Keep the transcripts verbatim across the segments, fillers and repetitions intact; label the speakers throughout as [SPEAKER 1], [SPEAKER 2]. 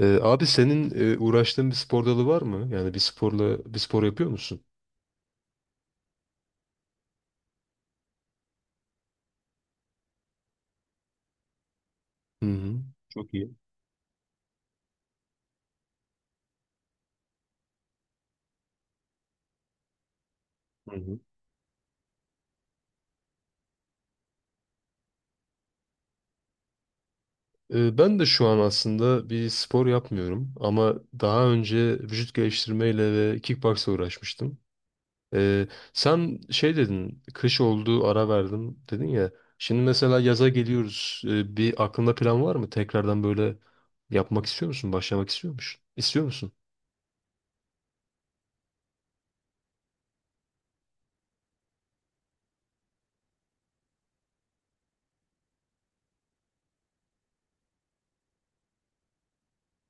[SPEAKER 1] Ee, abi senin e, uğraştığın bir spor dalı var mı? Yani bir sporla bir spor yapıyor musun? Hı hı. Çok iyi. Hı hı. Ee, ben de şu an aslında bir spor yapmıyorum ama daha önce vücut geliştirmeyle ve kickboxla uğraşmıştım. Ee, Sen şey dedin, kış oldu ara verdim dedin ya. Şimdi mesela yaza geliyoruz. Ee, bir aklında plan var mı? Tekrardan böyle yapmak istiyor musun? Başlamak istiyor musun? İstiyor musun?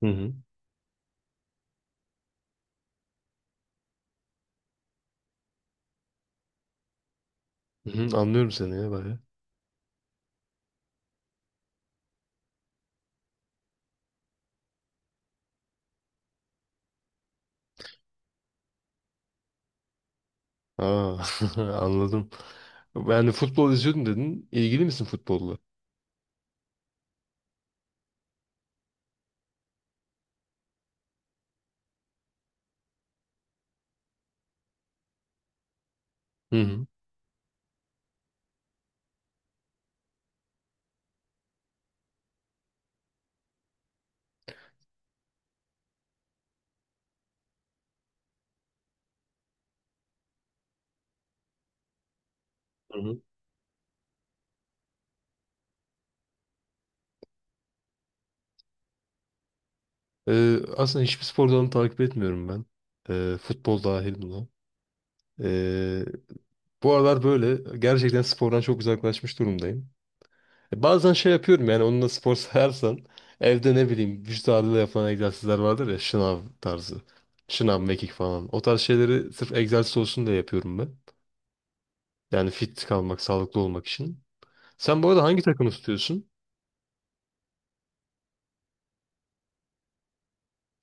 [SPEAKER 1] Hı hı. Hı hı, anlıyorum seni ya bayağı. Aa, anladım. Yani futbol izliyordum dedin. İlgili misin futbolla? Hı hı. Hı hı. Ee, aslında hiçbir spor dalını takip etmiyorum ben. Ee, futbol dahil buna. Ee, Bu aralar böyle gerçekten spordan çok uzaklaşmış durumdayım. E, Bazen şey yapıyorum yani onunla spor sayarsan evde ne bileyim vücut ağırlığıyla yapılan egzersizler vardır ya şınav tarzı. Şınav, mekik falan. O tarz şeyleri sırf egzersiz olsun diye yapıyorum ben. Yani fit kalmak, sağlıklı olmak için. Sen bu arada hangi takımı tutuyorsun?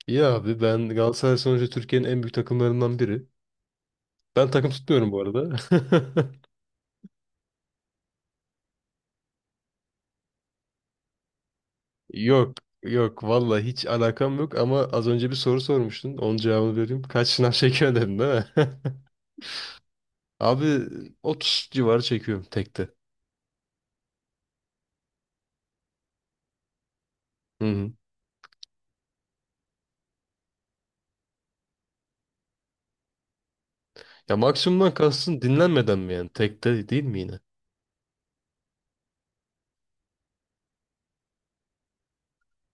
[SPEAKER 1] İyi abi ben Galatasaray sonuçta Türkiye'nin en büyük takımlarından biri. Ben takım tutmuyorum bu arada. Yok yok vallahi hiç alakam yok ama az önce bir soru sormuştun. Onun cevabını vereyim. Kaç sınav çekiyor dedin değil mi? Abi otuz civarı çekiyorum tekte. Hı hı. Ya maksimumdan kastın dinlenmeden mi yani? Tekte değil mi yine?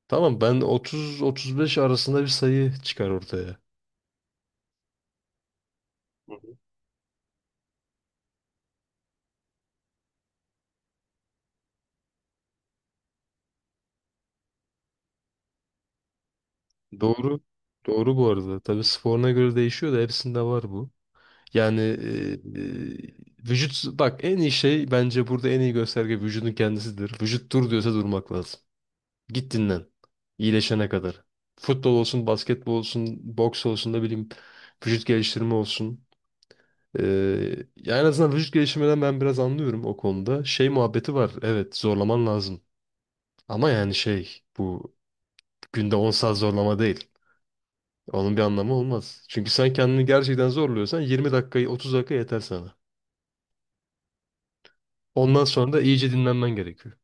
[SPEAKER 1] Tamam ben otuz otuz beş arasında bir sayı çıkar ortaya. Doğru. Doğru bu arada. Tabii sporuna göre değişiyor da hepsinde var bu. Yani e, e, vücut bak en iyi şey bence burada en iyi gösterge vücudun kendisidir. Vücut dur diyorsa durmak lazım. Git dinlen. İyileşene kadar. Futbol olsun, basketbol olsun, boks olsun da bileyim vücut geliştirme olsun. E, Ya en azından vücut geliştirmeden ben biraz anlıyorum o konuda. Şey muhabbeti var. Evet zorlaman lazım. Ama yani şey bu günde on saat zorlama değil. Onun bir anlamı olmaz. Çünkü sen kendini gerçekten zorluyorsan 20 dakikayı 30 dakika yeter sana. Ondan sonra da iyice dinlenmen gerekiyor.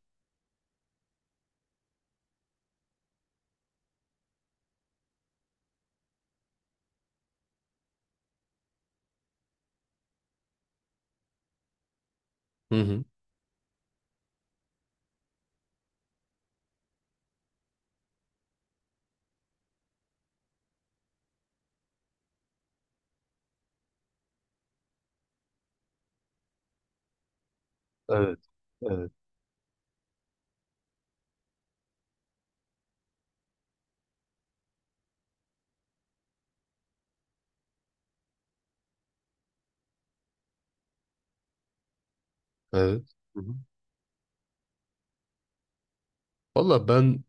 [SPEAKER 1] Hı hı. Evet. Evet. Evet. Hı hı. Valla ben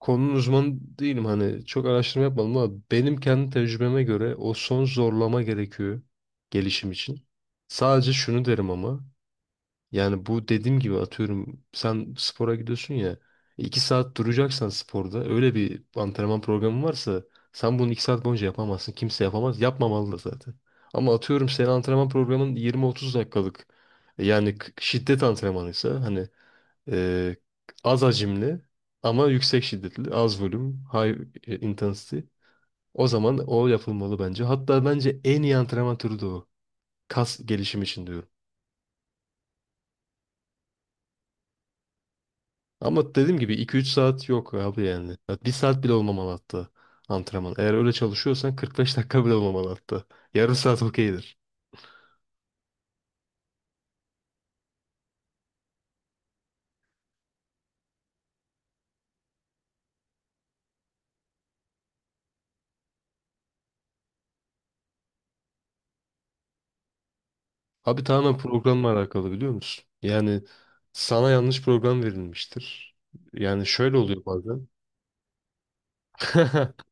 [SPEAKER 1] konunun uzmanı değilim hani çok araştırma yapmadım ama benim kendi tecrübeme göre o son zorlama gerekiyor gelişim için. Sadece şunu derim ama yani bu dediğim gibi atıyorum sen spora gidiyorsun ya iki saat duracaksan sporda öyle bir antrenman programı varsa sen bunu iki saat boyunca yapamazsın. Kimse yapamaz. Yapmamalı da zaten. Ama atıyorum senin antrenman programın yirmi otuz dakikalık e, yani k- şiddet antrenmanıysa hani e, az hacimli ama yüksek şiddetli az volüm high e, intensity o zaman o yapılmalı bence. Hatta bence en iyi antrenman türü de o. Kas gelişimi için diyorum. Ama dediğim gibi iki üç saat yok abi yani. Ya bir saat bile olmamalı hatta antrenman. Eğer öyle çalışıyorsan kırk beş dakika bile olmamalı hatta. Yarım saat okeydir. Abi tamamen programla alakalı biliyor musun? Yani sana yanlış program verilmiştir. Yani şöyle oluyor bazen.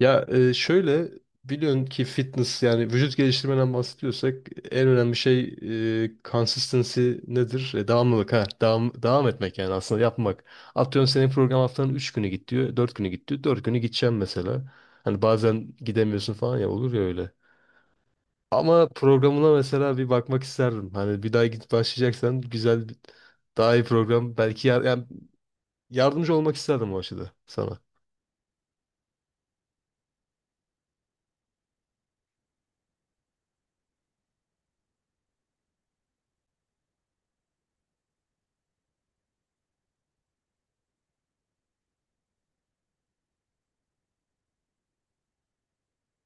[SPEAKER 1] Ya e, şöyle biliyorsun ki fitness yani vücut geliştirmeden bahsediyorsak en önemli şey e, consistency nedir? E, devamlılık ha. Devam, devam etmek yani aslında yapmak. Atıyorum senin program haftanın üç günü git diyor, dört günü git diyor. dört günü gideceğim mesela. Hani bazen gidemiyorsun falan ya olur ya öyle. Ama programına mesela bir bakmak isterdim. Hani bir daha git başlayacaksan güzel bir- daha iyi program belki yar- yani yardımcı olmak isterdim o açıda sana.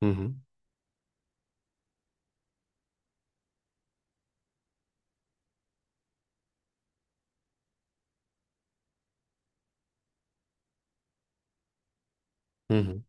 [SPEAKER 1] Hı hı. Hı hı.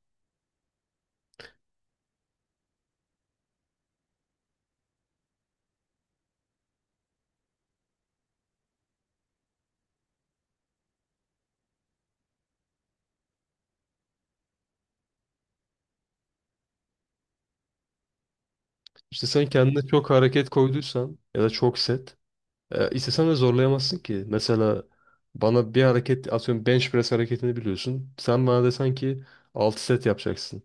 [SPEAKER 1] İşte sen kendine çok hareket koyduysan ya da çok set, e, istesen de zorlayamazsın ki. Mesela bana bir hareket atıyorum bench press hareketini biliyorsun. Sen bana desen ki altı set yapacaksın.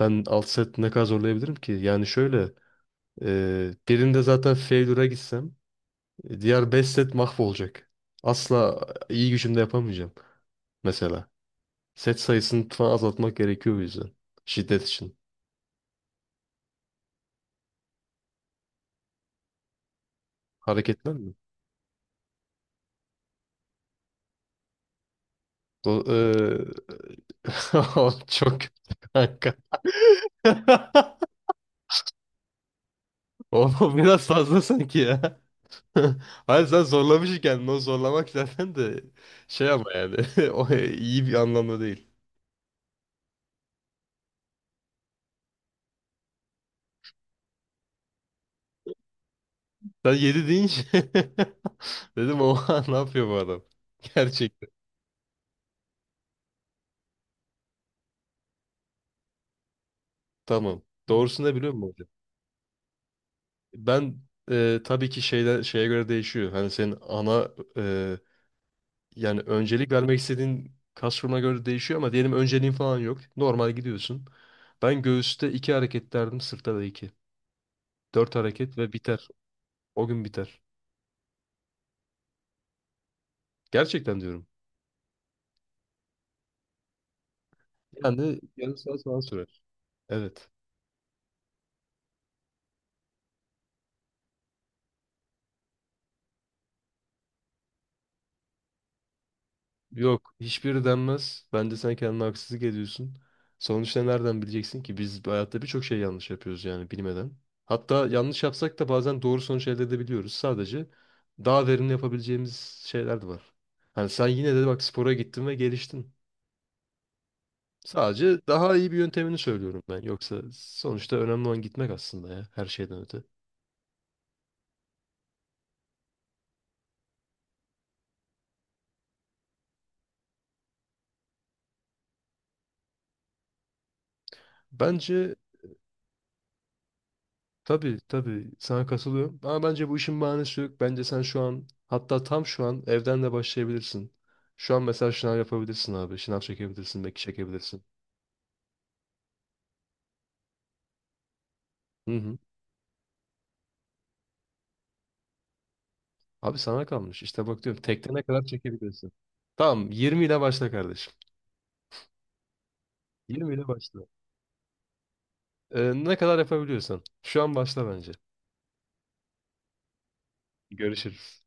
[SPEAKER 1] Ben altı set ne kadar zorlayabilirim ki? Yani şöyle e, birinde zaten failure'a gitsem e, diğer beş set mahvolacak. Asla iyi gücümde yapamayacağım mesela. Set sayısını falan azaltmak gerekiyor bu yüzden. Şiddet için. Hareketler mi? Do Oğlum çok kötü kanka. Oğlum biraz fazla sanki ya. Hayır sen zorlamışsın kendini. O zorlamak zaten de şey ama yani o iyi bir anlamda değil. Sen yedi deyince dedim oha ne yapıyor bu adam? Gerçekten. Tamam. Doğrusunu da biliyor musun hocam? Ben e, tabii ki şeyden şeye göre değişiyor. Hani senin ana Yani öncelik vermek istediğin kas grubuna göre değişiyor ama diyelim önceliğin falan yok. Normal gidiyorsun. Ben göğüste iki hareket derdim, sırtta da iki. Dört hareket ve biter. O gün biter. Gerçekten diyorum. Yani yarım saat falan sürer. Evet. Yok, hiçbiri denmez. Bence sen kendine haksızlık ediyorsun. Sonuçta nereden bileceksin ki? Biz bu hayatta birçok şey yanlış yapıyoruz yani bilmeden. Hatta yanlış yapsak da bazen doğru sonuç elde edebiliyoruz. Sadece daha verimli yapabileceğimiz şeyler de var. Hani sen yine de bak spora gittin ve geliştin. Sadece daha iyi bir yöntemini söylüyorum ben. Yoksa sonuçta önemli olan gitmek aslında ya her şeyden öte. Bence Tabii tabii sana katılıyorum. Ama bence bu işin bahanesi yok. Bence sen şu an hatta tam şu an evden de başlayabilirsin. Şu an mesela şınav yapabilirsin abi. Şınav çekebilirsin, belki çekebilirsin. Hı hı. Abi sana kalmış. İşte bak diyorum tekte ne kadar çekebilirsin. Tamam yirmi ile başla kardeşim. yirmi ile başla. Ee, ne kadar yapabiliyorsan. Şu an başla bence. Görüşürüz.